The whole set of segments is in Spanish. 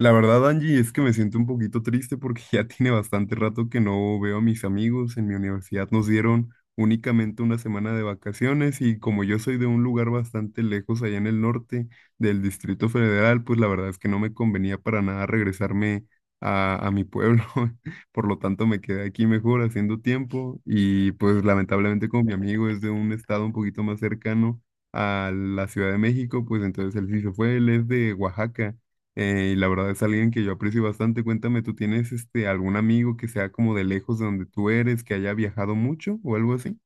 La verdad, Angie, es que me siento un poquito triste porque ya tiene bastante rato que no veo a mis amigos. En mi universidad nos dieron únicamente una semana de vacaciones y como yo soy de un lugar bastante lejos allá en el norte del Distrito Federal, pues la verdad es que no me convenía para nada regresarme a mi pueblo. Por lo tanto, me quedé aquí mejor haciendo tiempo y pues lamentablemente como mi amigo es de un estado un poquito más cercano a la Ciudad de México, pues entonces él sí se fue, él es de Oaxaca. Y la verdad es alguien que yo aprecio bastante. Cuéntame, ¿tú tienes este algún amigo que sea como de lejos de donde tú eres, que haya viajado mucho o algo así?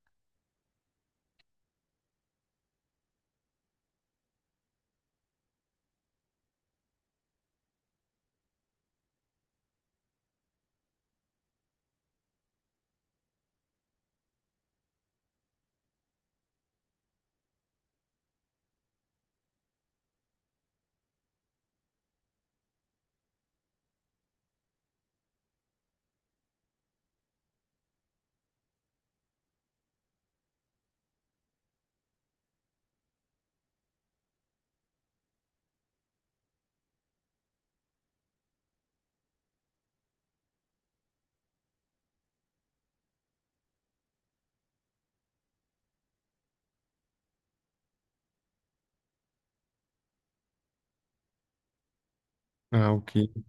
Ah, ok.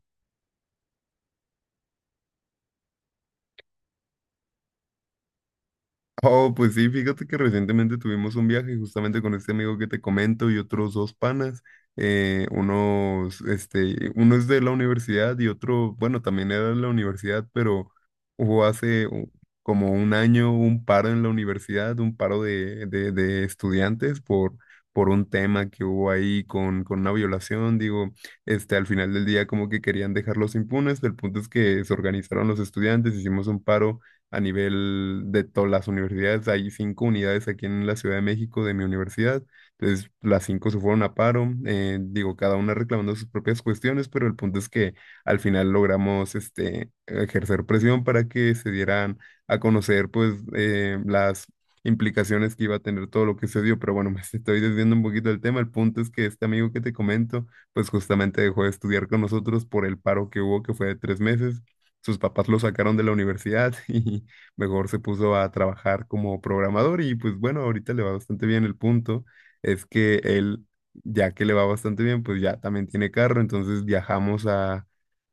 Oh, pues sí, fíjate que recientemente tuvimos un viaje justamente con este amigo que te comento y otros dos panas. Uno es de la universidad y otro, bueno, también era de la universidad, pero hubo hace como un año un paro en la universidad, un paro de estudiantes por un tema que hubo ahí con una violación. Digo, al final del día como que querían dejarlos impunes, el punto es que se organizaron los estudiantes, hicimos un paro a nivel de todas las universidades. Hay cinco unidades aquí en la Ciudad de México de mi universidad. Entonces, las cinco se fueron a paro. Digo, cada una reclamando sus propias cuestiones, pero el punto es que al final logramos ejercer presión para que se dieran a conocer pues las implicaciones que iba a tener todo lo que se dio, pero bueno, me estoy desviando un poquito del tema. El punto es que este amigo que te comento, pues justamente dejó de estudiar con nosotros por el paro que hubo, que fue de 3 meses, sus papás lo sacaron de la universidad y mejor se puso a trabajar como programador y pues bueno, ahorita le va bastante bien. El punto es que él, ya que le va bastante bien, pues ya también tiene carro, entonces viajamos a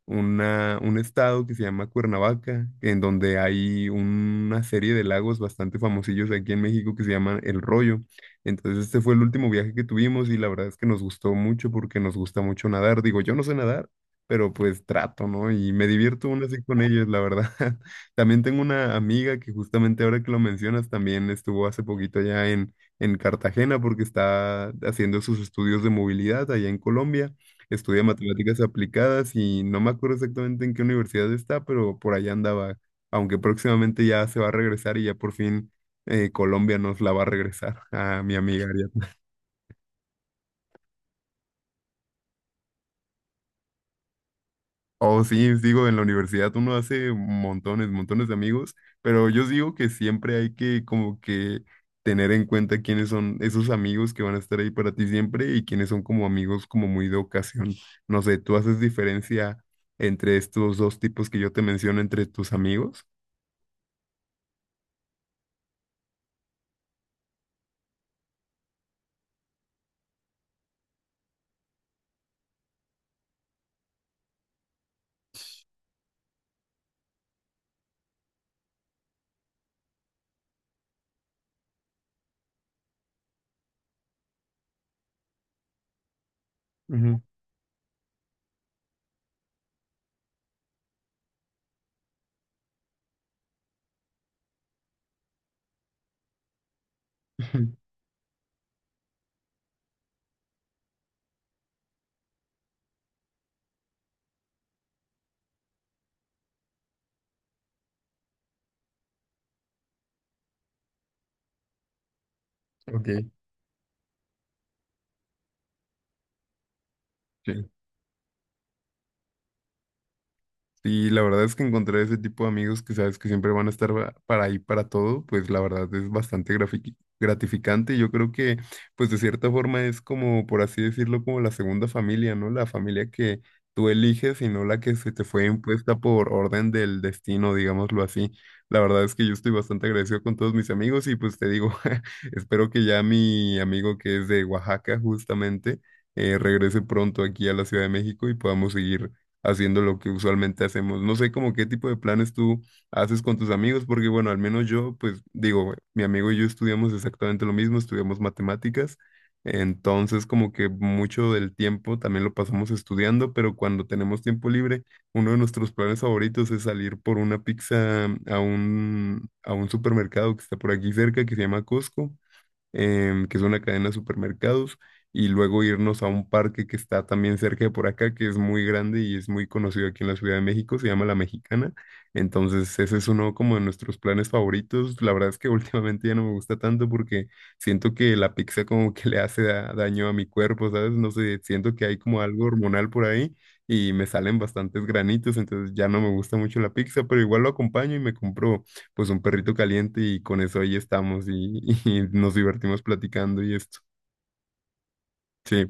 un estado que se llama Cuernavaca, en donde hay una serie de lagos bastante famosillos aquí en México que se llaman El Rollo. Entonces este fue el último viaje que tuvimos y la verdad es que nos gustó mucho porque nos gusta mucho nadar. Digo, yo no sé nadar, pero pues trato, ¿no? Y me divierto aún así con ellos, la verdad. También tengo una amiga que justamente ahora que lo mencionas, también estuvo hace poquito allá en Cartagena porque está haciendo sus estudios de movilidad allá en Colombia. Estudia matemáticas aplicadas y no me acuerdo exactamente en qué universidad está, pero por allá andaba, aunque próximamente ya se va a regresar y ya por fin Colombia nos la va a regresar a mi amiga Ariadna. Oh, sí, digo, en la universidad uno hace montones, montones de amigos, pero yo digo que siempre hay que como que tener en cuenta quiénes son esos amigos que van a estar ahí para ti siempre y quiénes son como amigos como muy de ocasión. No sé, ¿tú haces diferencia entre estos dos tipos que yo te menciono entre tus amigos? Ujú. Ok, sí. Y la verdad es que encontrar ese tipo de amigos que sabes que siempre van a estar para ahí para todo, pues la verdad es bastante gratificante. Yo creo que, pues de cierta forma es como, por así decirlo, como la segunda familia, ¿no? La familia que tú eliges y no la que se te fue impuesta por orden del destino, digámoslo así. La verdad es que yo estoy bastante agradecido con todos mis amigos y pues te digo, espero que ya mi amigo que es de Oaxaca justamente regrese pronto aquí a la Ciudad de México y podamos seguir haciendo lo que usualmente hacemos. No sé como qué tipo de planes tú haces con tus amigos, porque bueno, al menos yo, pues digo, mi amigo y yo estudiamos exactamente lo mismo, estudiamos matemáticas, entonces como que mucho del tiempo también lo pasamos estudiando, pero cuando tenemos tiempo libre, uno de nuestros planes favoritos es salir por una pizza a un supermercado que está por aquí cerca, que se llama Costco, que es una cadena de supermercados, y luego irnos a un parque que está también cerca de por acá, que es muy grande y es muy conocido aquí en la Ciudad de México, se llama La Mexicana. Entonces, ese es uno como de nuestros planes favoritos. La verdad es que últimamente ya no me gusta tanto porque siento que la pizza como que le hace daño a mi cuerpo, ¿sabes? No sé, siento que hay como algo hormonal por ahí. Y me salen bastantes granitos, entonces ya no me gusta mucho la pizza, pero igual lo acompaño y me compro pues un perrito caliente y con eso ahí estamos y nos divertimos platicando y esto. Sí.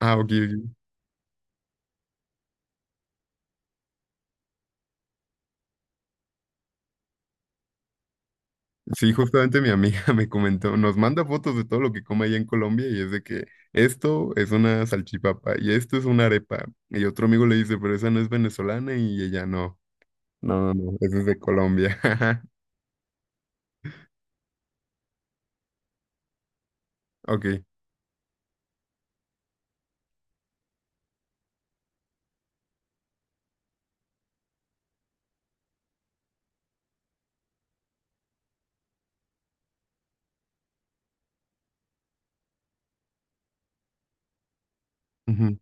Ah, ok, ok. Sí, justamente mi amiga me comentó, nos manda fotos de todo lo que come allá en Colombia y es de que esto es una salchipapa y esto es una arepa. Y otro amigo le dice, pero esa no es venezolana y ella no. No, no, no, esa es de Colombia. Ok. Ujú.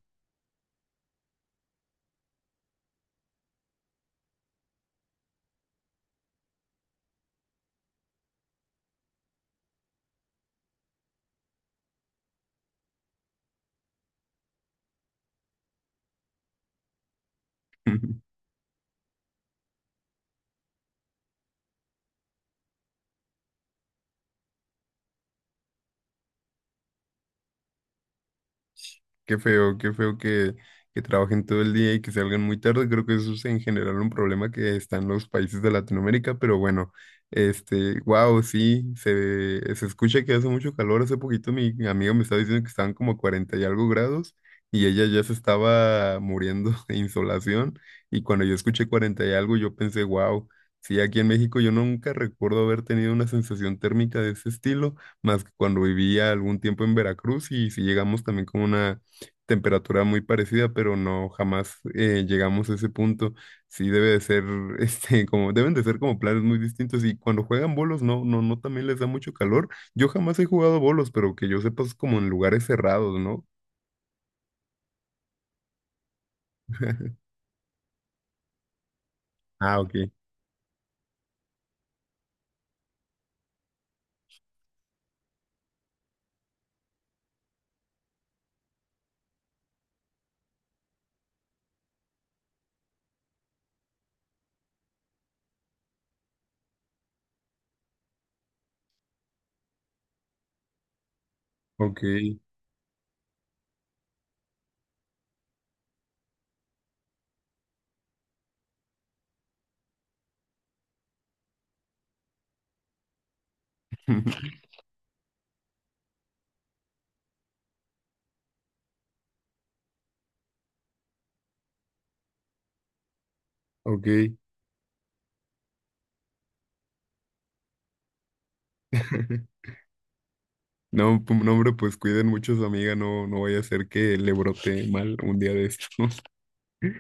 Qué feo que trabajen todo el día y que salgan muy tarde. Creo que eso es en general un problema que está en los países de Latinoamérica, pero bueno, wow, sí, se escucha que hace mucho calor. Hace poquito mi amiga me estaba diciendo que estaban como 40 y algo grados y ella ya se estaba muriendo de insolación. Y cuando yo escuché 40 y algo, yo pensé, wow, sí, aquí en México yo nunca recuerdo haber tenido una sensación térmica de ese estilo, más que cuando vivía algún tiempo en Veracruz y si llegamos también como una temperatura muy parecida, pero no jamás llegamos a ese punto. Sí debe de ser, este, como, deben de ser como planes muy distintos. Y cuando juegan bolos, no, no, no también les da mucho calor. Yo jamás he jugado bolos, pero que yo sepa es como en lugares cerrados, ¿no? Ah, ok, ok, ok. No, no, hombre, pues cuiden mucho a su amiga, no, no vaya a ser que le brote mal un día de estos.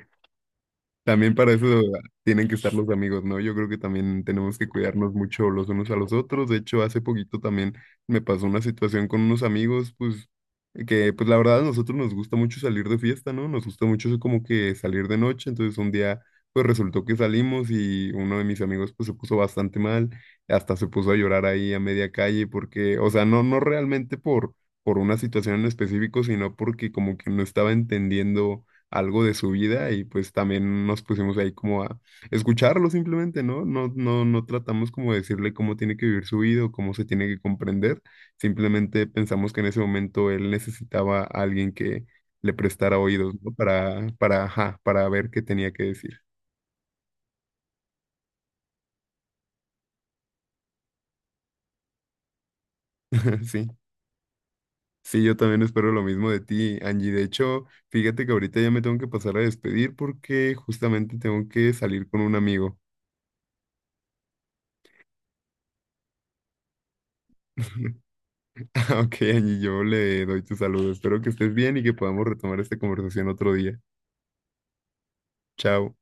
También para eso tienen que estar los amigos, ¿no? Yo creo que también tenemos que cuidarnos mucho los unos a los otros. De hecho, hace poquito también me pasó una situación con unos amigos, pues, que pues la verdad a nosotros nos gusta mucho salir de fiesta, ¿no? Nos gusta mucho como que salir de noche. Entonces un día, pues resultó que salimos y uno de mis amigos pues se puso bastante mal. Hasta se puso a llorar ahí a media calle porque, o sea, no, no realmente por una situación en específico, sino porque como que no estaba entendiendo algo de su vida y pues también nos pusimos ahí como a escucharlo simplemente, ¿no? No, no, no tratamos como de decirle cómo tiene que vivir su vida o cómo se tiene que comprender, simplemente pensamos que en ese momento él necesitaba a alguien que le prestara oídos, ¿no? Ajá, para ver qué tenía que decir. Sí. Sí, yo también espero lo mismo de ti, Angie. De hecho, fíjate que ahorita ya me tengo que pasar a despedir porque justamente tengo que salir con un amigo. Ok, Angie, yo le doy tu saludo. Espero que estés bien y que podamos retomar esta conversación otro día. Chao.